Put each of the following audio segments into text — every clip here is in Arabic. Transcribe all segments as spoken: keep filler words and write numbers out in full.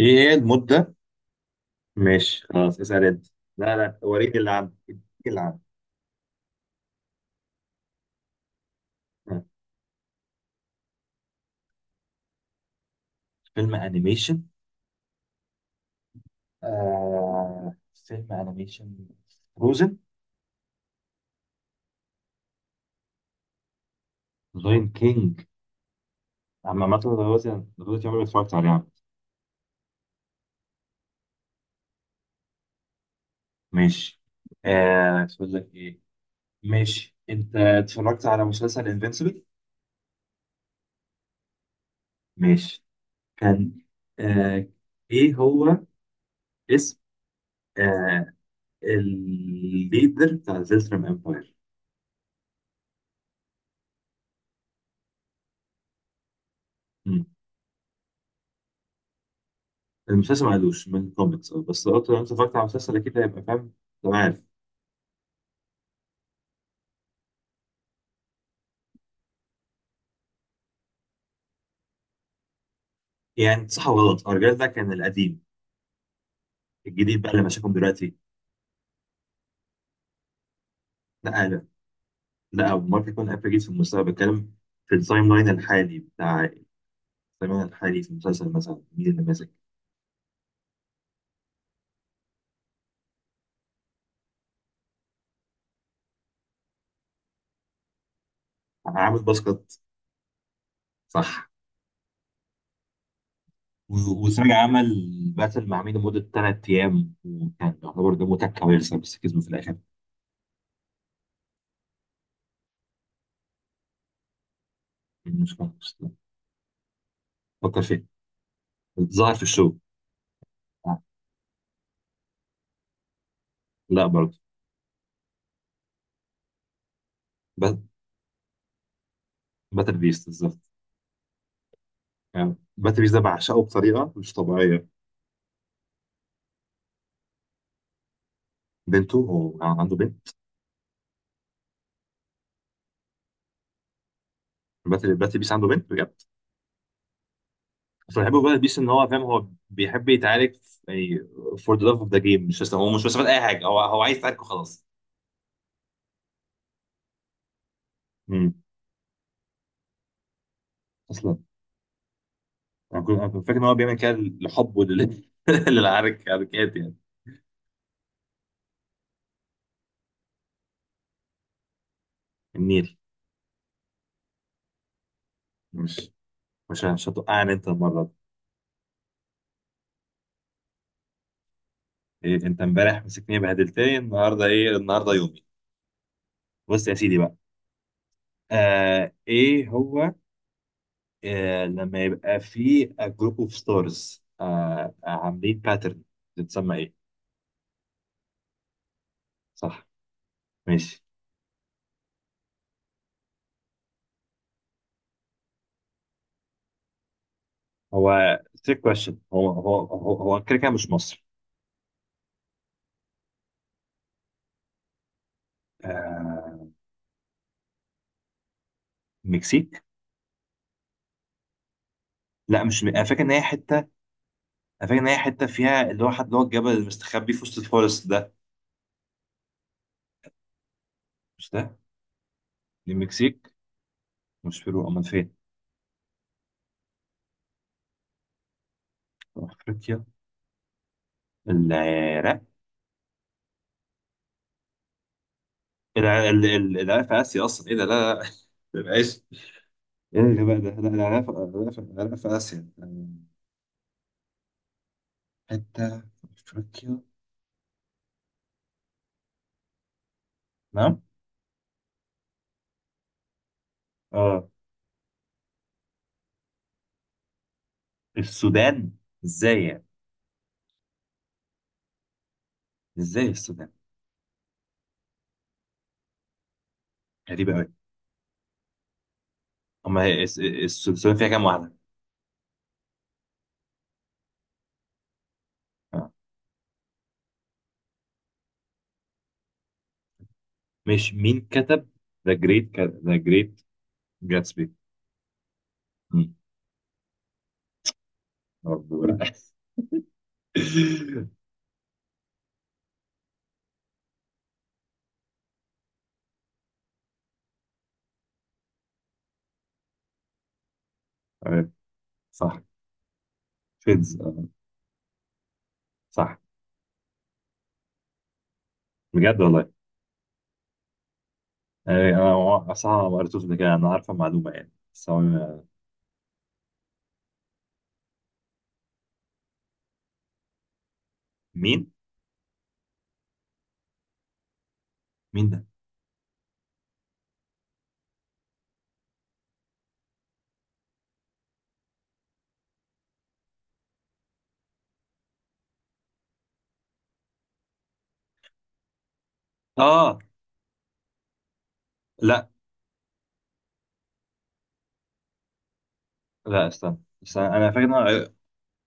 ايه هي المدة؟ ماشي، خلاص اسأل انت. لا لا، وريني اللي عندك، اديني اللي عندك. ها. فيلم انيميشن. آه فيلم انيميشن فروزن. لاين كينج. عم، مثلا دلوقتي دلوقتي عمري ما اتفرجت عليه يا عم. ماشي. آه تقول لك ايه. ماشي، انت اتفرجت على مسلسل انفينسيبل؟ ماشي. كان، آه ايه هو اسم آه الليدر بتاع زلترم امباير. المسلسل ما عدوش من الكوميكس، بس لو لو انت اتفرجت على المسلسل اكيد هيبقى فاهم. تمام عارف. يعني صح وغلط، الرجال ده كان القديم. الجديد بقى اللي مشاكم دلوقتي. لا لا، لا ممكن يكون قبل، جديد في المستقبل بتكلم. في التايم لاين الحالي بتاع التايم لاين الحالي في المسلسل، مثلا مين اللي ماسك؟ عامل باسكت. صح. و- وسراج عمل باتل مع مين لمدة ثلاث أيام وكان يعتبر ده متك كويسة بس كسبه في الآخر. مش مش- فكر فيه. ظهر في الشو. آه، لا برضه. باتل بيست بالظبط. يعني باتلي بيس ده بعشقه بطريقه مش طبيعيه. بنته؟ هو كان عنده بنت؟ باتلي باتلي بيس عنده بنت بجد؟ بس بحبه في باتلي بيس ان هو فاهم. هو بيحب يتعارك في- يعني فور ذا لاف اوف ذا جيم، مش بس، هو مش مستفاد اي حاجه، هو هو عايز يتعارك وخلاص. امم اصلا انا كنت أنا كنت فاكر ان هو بيعمل كده لحبه لل- للعرك، حركات يعني. النيل. مش مش مش هتوقعني انت المره دي. إيه؟ انت امبارح مسكتني بهدلتني، النهارده ايه؟ النهارده يومي. بص يا سيدي بقى. آه ايه هو؟ آه، لما يبقى في جروب اوف ستارز عاملين باترن بتتسمى ايه؟ صح. ماشي. هو تريك كويشن، هو هو هو هو كده كده مش مصر. آه، مكسيك. لا مش م- انا فاكر ان هي حته. انا فاكر ان هي حته فيها اللي هو حد، اللي هو الجبل المستخبي في وسط الفورست ده. مش ده؟ المكسيك. مش بيرو امال فين؟ افريقيا. العراق. الع- ال- ال- العراق في اسيا اصلا، ايه ده؟ لا لا لا. ما يبقاش. ايه يا جماعه ده؟ لا، العراق في العراق في- العراق في اسيا. آه. حتة في أفريقيا. نعم. اه. السودان؟ ازاي يعني؟ ازاي السودان؟ غريبة أوي. أما هي الس- الس- السودان فيها كام واحدة؟ آه. مش مين كتب ذا جريت ذا جريت جاتسبي؟ برضه لا. آه، صح. فيدز آه، صح بجد والله. آه، أنا صح ما قريتوش ده كده، أنا عارفة المعلومة يعني، بس هو. مين مين ده؟ آه لا لا، استنى استنى. أنا فاكر إن أنا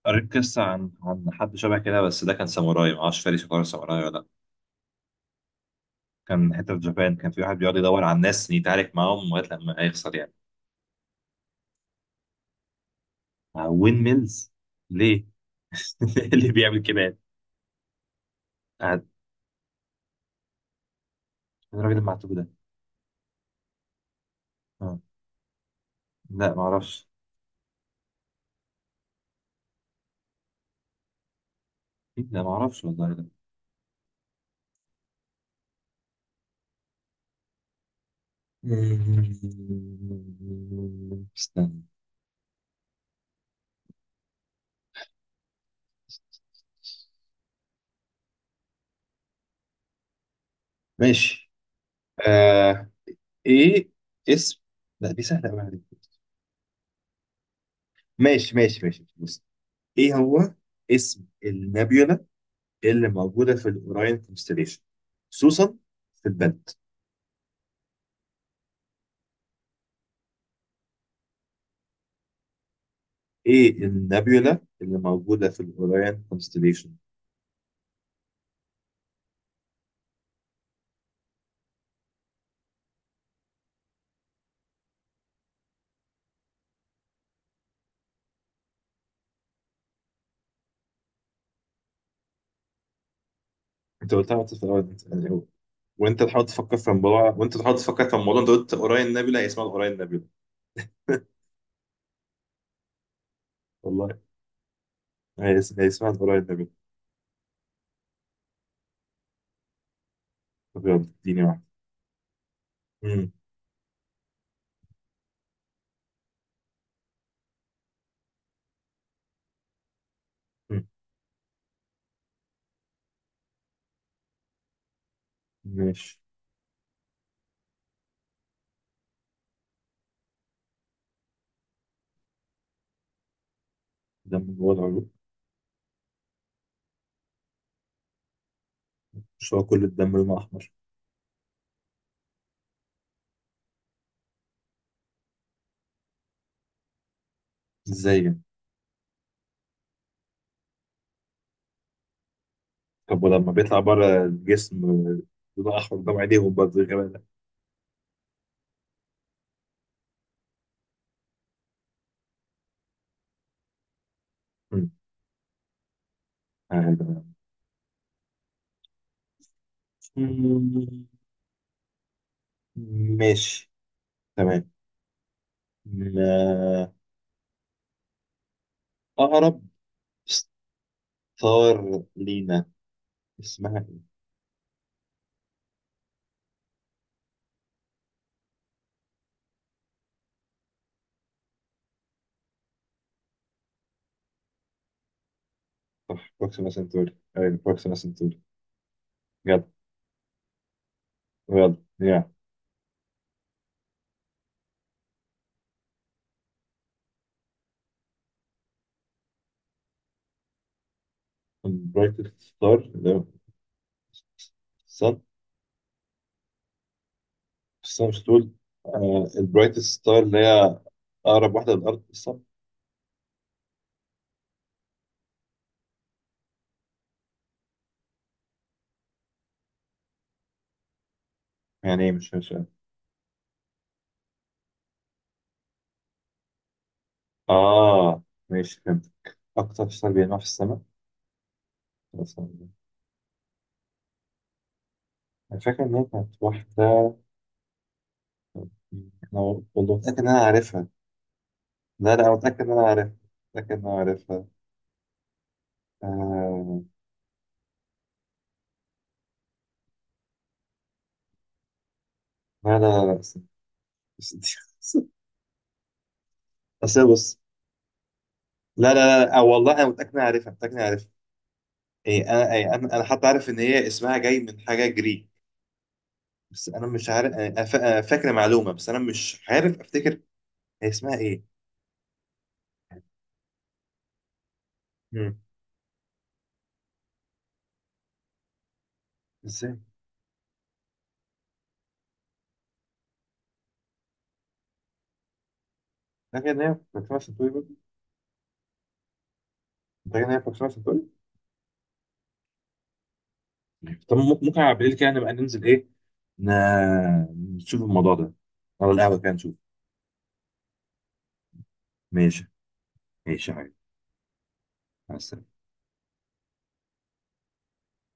قريت قصة عن عن حد شبه كده، بس ده كان ساموراي، معرفش فارس يعتبر ساموراي ولا لأ. كان حتة في جابان كان في واحد بيقعد يدور على الناس يتعارك معاهم لغاية لما هيخسر يعني. وين ميلز؟ ليه؟ اللي بيعمل كده يعني؟ قاعد. إيه الراجل المعتوه ده؟ آه. لا معرفش. لا معرفش والله ده. استنى. ماشي. آه. ايه اسم لا دي سهلة قوي عليك. ماشي ماشي ماشي، بص. ايه هو اسم النابيولا اللي موجودة في الأوراين كونستليشن، خصوصا في البنت؟ إيه النابيولا اللي موجودة في الأوراين كونستليشن؟ أنت قلتها وأنت في الأول، أنت- يعني هو- وأنت تحاول تفكر في الموضوع وأنت تحاول تفكر في الموضوع، أنت قلت أوراين نابيولا. هي اسمها الأوراين نابيولا والله. هي اس- هي اسمها الأوراين نابيولا. طب يلا. اديني واحدة. مم. مم. ماشي. دم جوه العروق؟ مش هو كل الدم لونه أحمر؟ إزاي يعني؟ طب ولما بيطلع بره الجسم لونه أحمر قدام عينيهم برضه، غير ده؟ مم. آه، ده- ماشي. تمام. م- آه، أقرب ستار لينا اسمها إيه؟ صح، بروكسيما سنتوري، أيوة بروكسيما سنتوري. جدع. يلا يا. البرايتست ستار اللي هو الصن. الصن مش تقول البرايتست ستار اللي هي أقرب واحدة للأرض، الصن. يعني إيه؟ مش مش آه ماشي فهمت. أكتر ستار بيلمع في السماء. أنا فاكر إن هي كانت واحدة. أنا والله متأكد إن أنا عارفها. لا لا، متأكد إن أنا عارفها، متأكد إن أنا عارفها. آه... لا لا لا لا، بس بس دي. أصل بص. لا لا لا، آه، والله أنا متأكد إن أنا عارفها، متأكد إن أنا عارفها. إيه أنا إيه أنا أنا حتى عارف إن هي اسمها جاي من حاجة جريك. بس أنا مش عارف. آه، أنا فا- أنا فاكر معلومة بس أنا مش عارف أفتكر هي اسمها إيه. مم. إزاي؟ فاكر إن هي فاكر سنتوري برضه؟ فاكر إن هي فاكر سنتوري. طب ممكن ممكن على بالليل كده نبقى ننزل، إيه، ن- نشوف الموضوع ده أو القهوة كده نشوف. ماشي. ماشي يا حبيبي. مع السلامة.